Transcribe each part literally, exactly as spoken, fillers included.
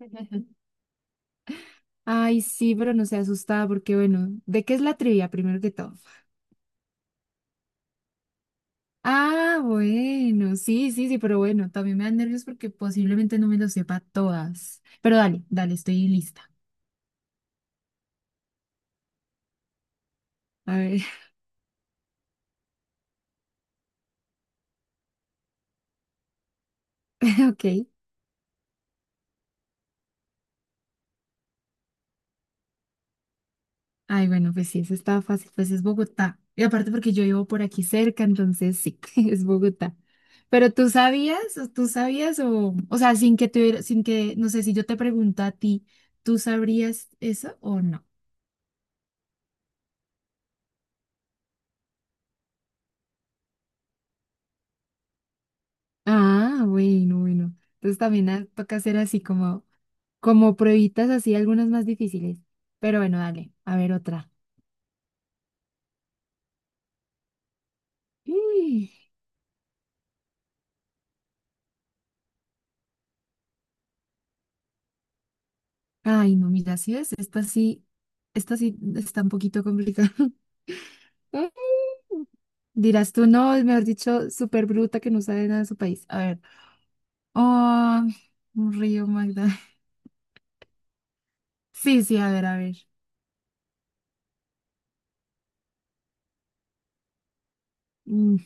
Ay, sí, pero no se asustada porque, bueno, ¿de qué es la trivia primero que todo? Ah, bueno, sí, sí, sí, pero bueno, también me dan nervios porque posiblemente no me lo sepa todas. Pero dale, dale, estoy lista. A ver, ok. Ay, bueno, pues sí, eso está fácil, pues es Bogotá. Y aparte porque yo vivo por aquí cerca, entonces sí, es Bogotá. Pero tú sabías, o tú sabías, o, o sea, sin que tuviera, sin que, no sé, si yo te pregunto a ti, ¿tú sabrías eso o no? Ah, bueno, bueno. Entonces también ah, toca hacer así como, como pruebitas así, algunas más difíciles. Pero bueno, dale, a ver otra. Uy, ay, no, mira, si es esta sí, esta sí está un poquito complicada. Dirás tú, no, es mejor dicho, súper bruta que no sabe nada de su país. A ver. Oh, un río Magda. Sí, sí, a ver, a ver. Mm,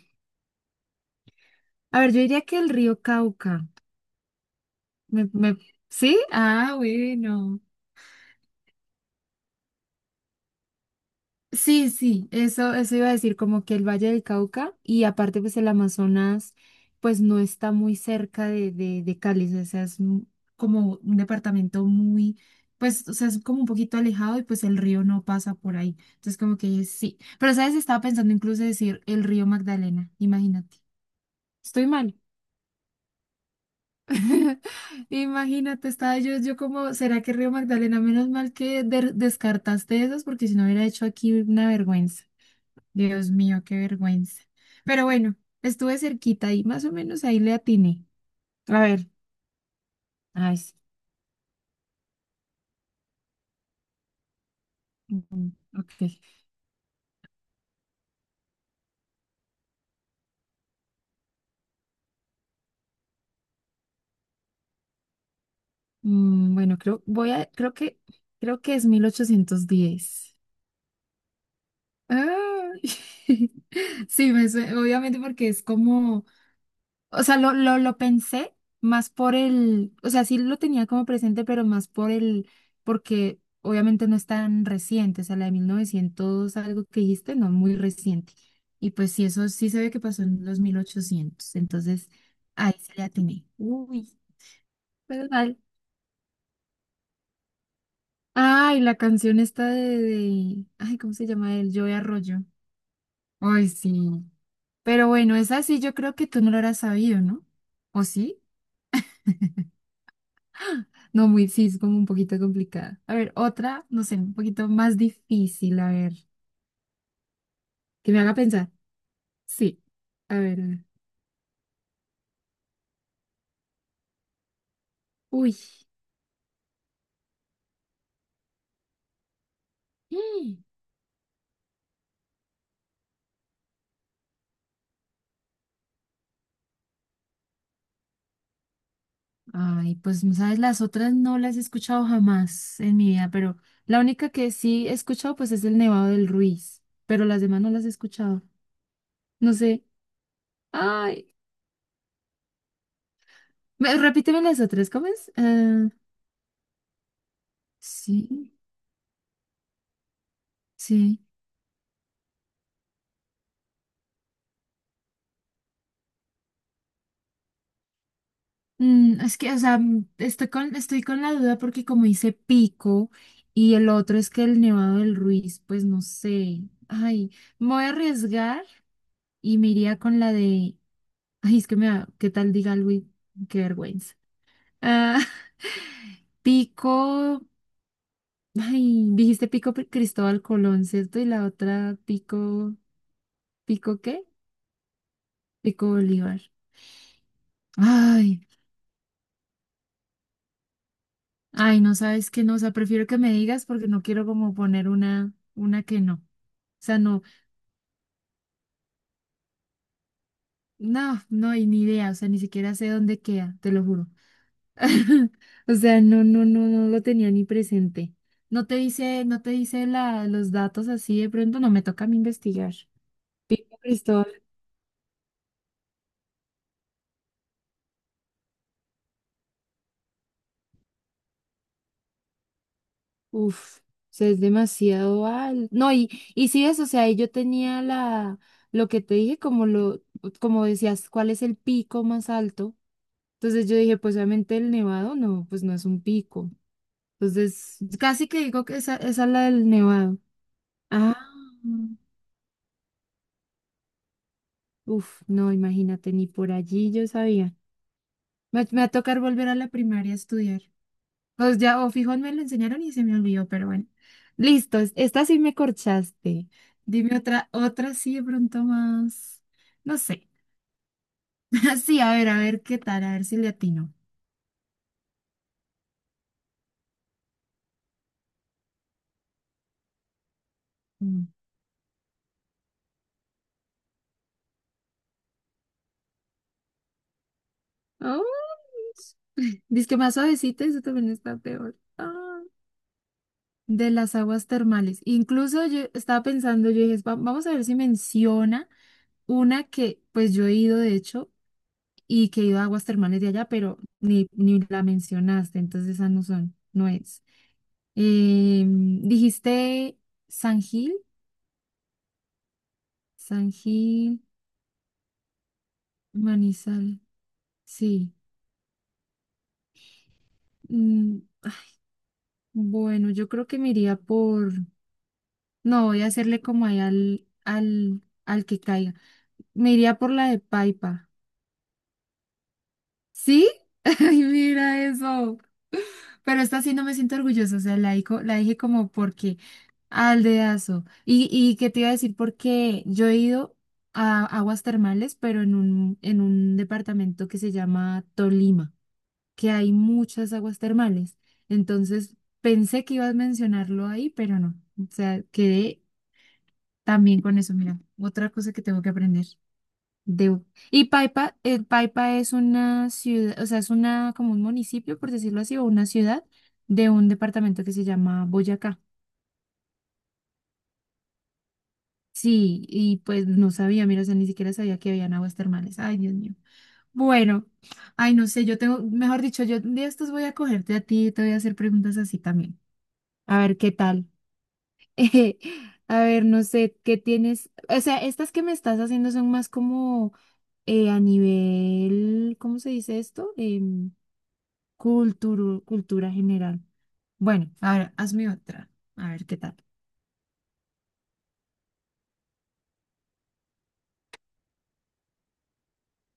A ver, yo diría que el río Cauca. Me, me... ¿Sí? Ah, bueno. Sí, sí, eso, eso iba a decir, como que el Valle del Cauca y aparte pues el Amazonas pues no está muy cerca de, de, de Cali, o sea, es un- como un departamento muy, pues, o sea, es como un poquito alejado y pues el río no pasa por ahí. Entonces como que sí, pero sabes, estaba pensando incluso decir el río Magdalena, imagínate, estoy mal. Imagínate, estaba yo, yo como, ¿será que Río Magdalena? Menos mal que de- descartaste esas porque si no hubiera hecho aquí una vergüenza. Dios mío, qué vergüenza. Pero bueno, estuve cerquita y más o menos ahí le atiné. A ver, ay, sí. Mm, ok. Mm, bueno, creo, voy a, creo que, creo que, es mil ochocientos diez. Ay. Sí, me sue- obviamente porque es como, o sea, lo, lo, lo pensé más por el, o sea, sí lo tenía como presente, pero más por el, porque obviamente no es tan reciente, o sea, la de mil novecientos algo que dijiste, no, muy reciente. Y pues sí, eso sí se ve que pasó en los mil ochocientos, entonces ahí se le atiné. Uy, pero mal. Ay, la canción esta de, de, ay, ¿cómo se llama? El Joe Arroyo. Ay, sí. Pero bueno, esa sí yo creo que tú no lo habrás sabido, ¿no? ¿O sí? No, muy, sí, es como un poquito complicada. A ver, otra, no sé, un poquito más difícil, a ver, que me haga pensar. Sí, a ver, uy. Mm. Ay, pues, no ¿sabes? Las otras no las he escuchado jamás en mi vida, pero la única que sí he escuchado, pues, es el Nevado del Ruiz, pero las demás no las he escuchado. No sé. Ay, me- repíteme las otras, ¿cómo es? Eh, sí, sí. Mm, es que, o sea, mm, estoy con, estoy con, la duda porque como dice Pico y el otro es que el Nevado del Ruiz, pues no sé. Ay, me voy a arriesgar y me iría con la de... Ay, es que me da- ¿qué tal diga Luis? Qué vergüenza. Ah, Pico... Ay, dijiste Pico P- Cristóbal Colón, ¿cierto? Y la otra Pico... ¿Pico qué? Pico Bolívar. Ay. Ay, no sabes qué no, o sea, prefiero que me digas porque no quiero como poner una, una que no. O sea, no, no, no hay ni idea, o sea, ni siquiera sé dónde queda, te lo juro. O sea, no, no, no, no lo tenía ni presente. No te dice, no te dice la, los datos así de pronto, no me toca a mí investigar. Cristóbal, uf, o sea, es demasiado al... No, y, y sí es, o sea, ahí yo tenía la, lo que te dije, como lo, como decías, cuál es el pico más alto. Entonces yo dije, pues obviamente el nevado no, pues no es un pico. Entonces casi que digo que esa, esa es la del nevado. Ah, uf, no, imagínate, ni por allí yo sabía. Me, me va a tocar volver a la primaria a estudiar. Pues ya, o fijo, me lo enseñaron y se me olvidó, pero bueno. Listo, es- esta sí me corchaste. Dime otra, otra sí de pronto más. No sé. Sí, a ver, a ver qué tal, a ver si le atino. Mm. Oh, dice que más suavecita, eso también está peor. De las aguas termales. Incluso yo estaba pensando, yo dije, "Va- vamos a ver si menciona una que pues yo he ido de hecho y que he ido a aguas termales de allá, pero ni, ni la mencionaste, entonces esa no son, no es". Em, dijiste San Gil, San Gil, Manizal, sí. Mm, bueno, yo creo que me iría por, no, voy a hacerle como ahí al, al, al que caiga. Me iría por la de Paipa. ¿Sí? Ay, mira eso. Pero esta sí no me siento orgullosa, o sea, la, dico- la dije como porque al dedazo. Y, y qué te iba a decir, porque yo he ido a aguas termales, pero en un, en un departamento que se llama Tolima, que hay muchas aguas termales. Entonces pensé que ibas a mencionarlo ahí, pero no. O sea, quedé también con eso. Mira, otra cosa que tengo que aprender. De... Y Paipa, eh, Paipa es una ciudad, o sea, es una como un municipio, por decirlo así, o una ciudad de un departamento que se llama Boyacá. Sí, y pues no sabía, mira, o sea, ni siquiera sabía que habían aguas termales. Ay, Dios mío. Bueno, ay, no sé, yo tengo, mejor dicho, yo de estos voy a cogerte a ti y te voy a hacer preguntas así también. A ver, ¿qué tal? A ver, no sé, ¿qué tienes? O sea, estas que me estás haciendo son más como eh, a nivel, ¿cómo se dice esto? Em, Cultura, cultura general. Bueno, ahora hazme otra. A ver qué tal.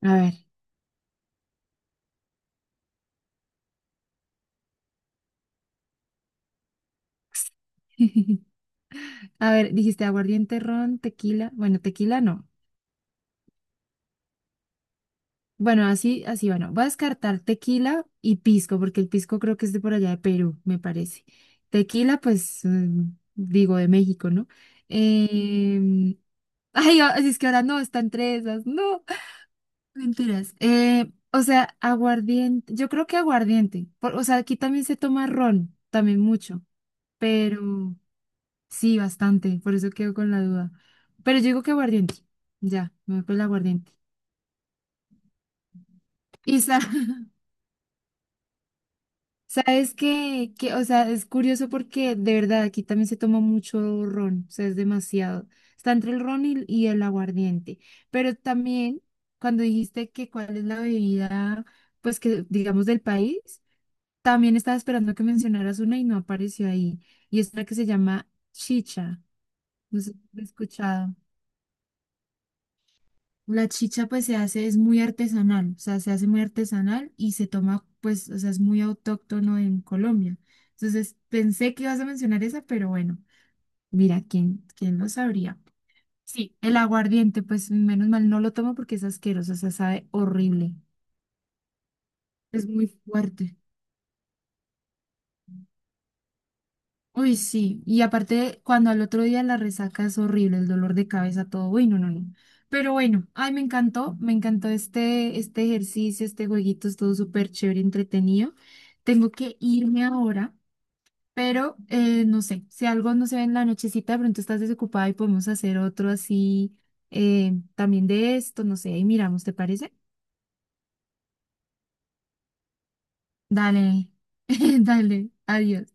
A ver. A ver, dijiste aguardiente, ron, tequila. Bueno, tequila no. Bueno, así, así, bueno. Voy a descartar tequila y pisco, porque el pisco creo que es de por allá de Perú, me parece. Tequila, pues, mm, digo, de México, ¿no? Em, Ay, a- es que ahora no, están entre esas. No. Mentiras. Eh, o sea, aguardiente. Yo creo que aguardiente. por- o sea, aquí también se toma ron, también mucho. Pero sí, bastante. Por eso quedo con la duda. Pero yo digo que aguardiente. Ya, me voy por el aguardiente. Y sa- sabes que, que, o sea, es curioso porque de verdad aquí también se toma mucho ron. O sea, es demasiado. Está entre el ron y, y el aguardiente. Pero también, cuando dijiste que cuál es la bebida, pues que digamos del país. También estaba esperando que mencionaras una y no apareció ahí. Y es la que se llama chicha. No sé si lo he escuchado. La chicha pues se hace, es muy artesanal, o sea, se hace muy artesanal y se toma pues, o sea, es muy autóctono en Colombia. Entonces pensé que ibas a mencionar esa, pero bueno, mira, ¿quién, quién lo sabría? Sí, el aguardiente, pues menos mal no lo tomo porque es asqueroso, o sea, sabe horrible. Es muy fuerte. Uy, sí, y aparte cuando al otro día la resaca es horrible, el dolor de cabeza, todo, uy, no, no, no. Pero bueno, ay, me encantó, me encantó este, este ejercicio, este jueguito, es todo súper chévere, entretenido. Tengo que irme ahora, pero eh, no sé, si algo no se ve en la nochecita, de pronto estás desocupada y podemos hacer otro así, eh, también de esto, no sé, ahí miramos, ¿te parece? Dale, dale, adiós.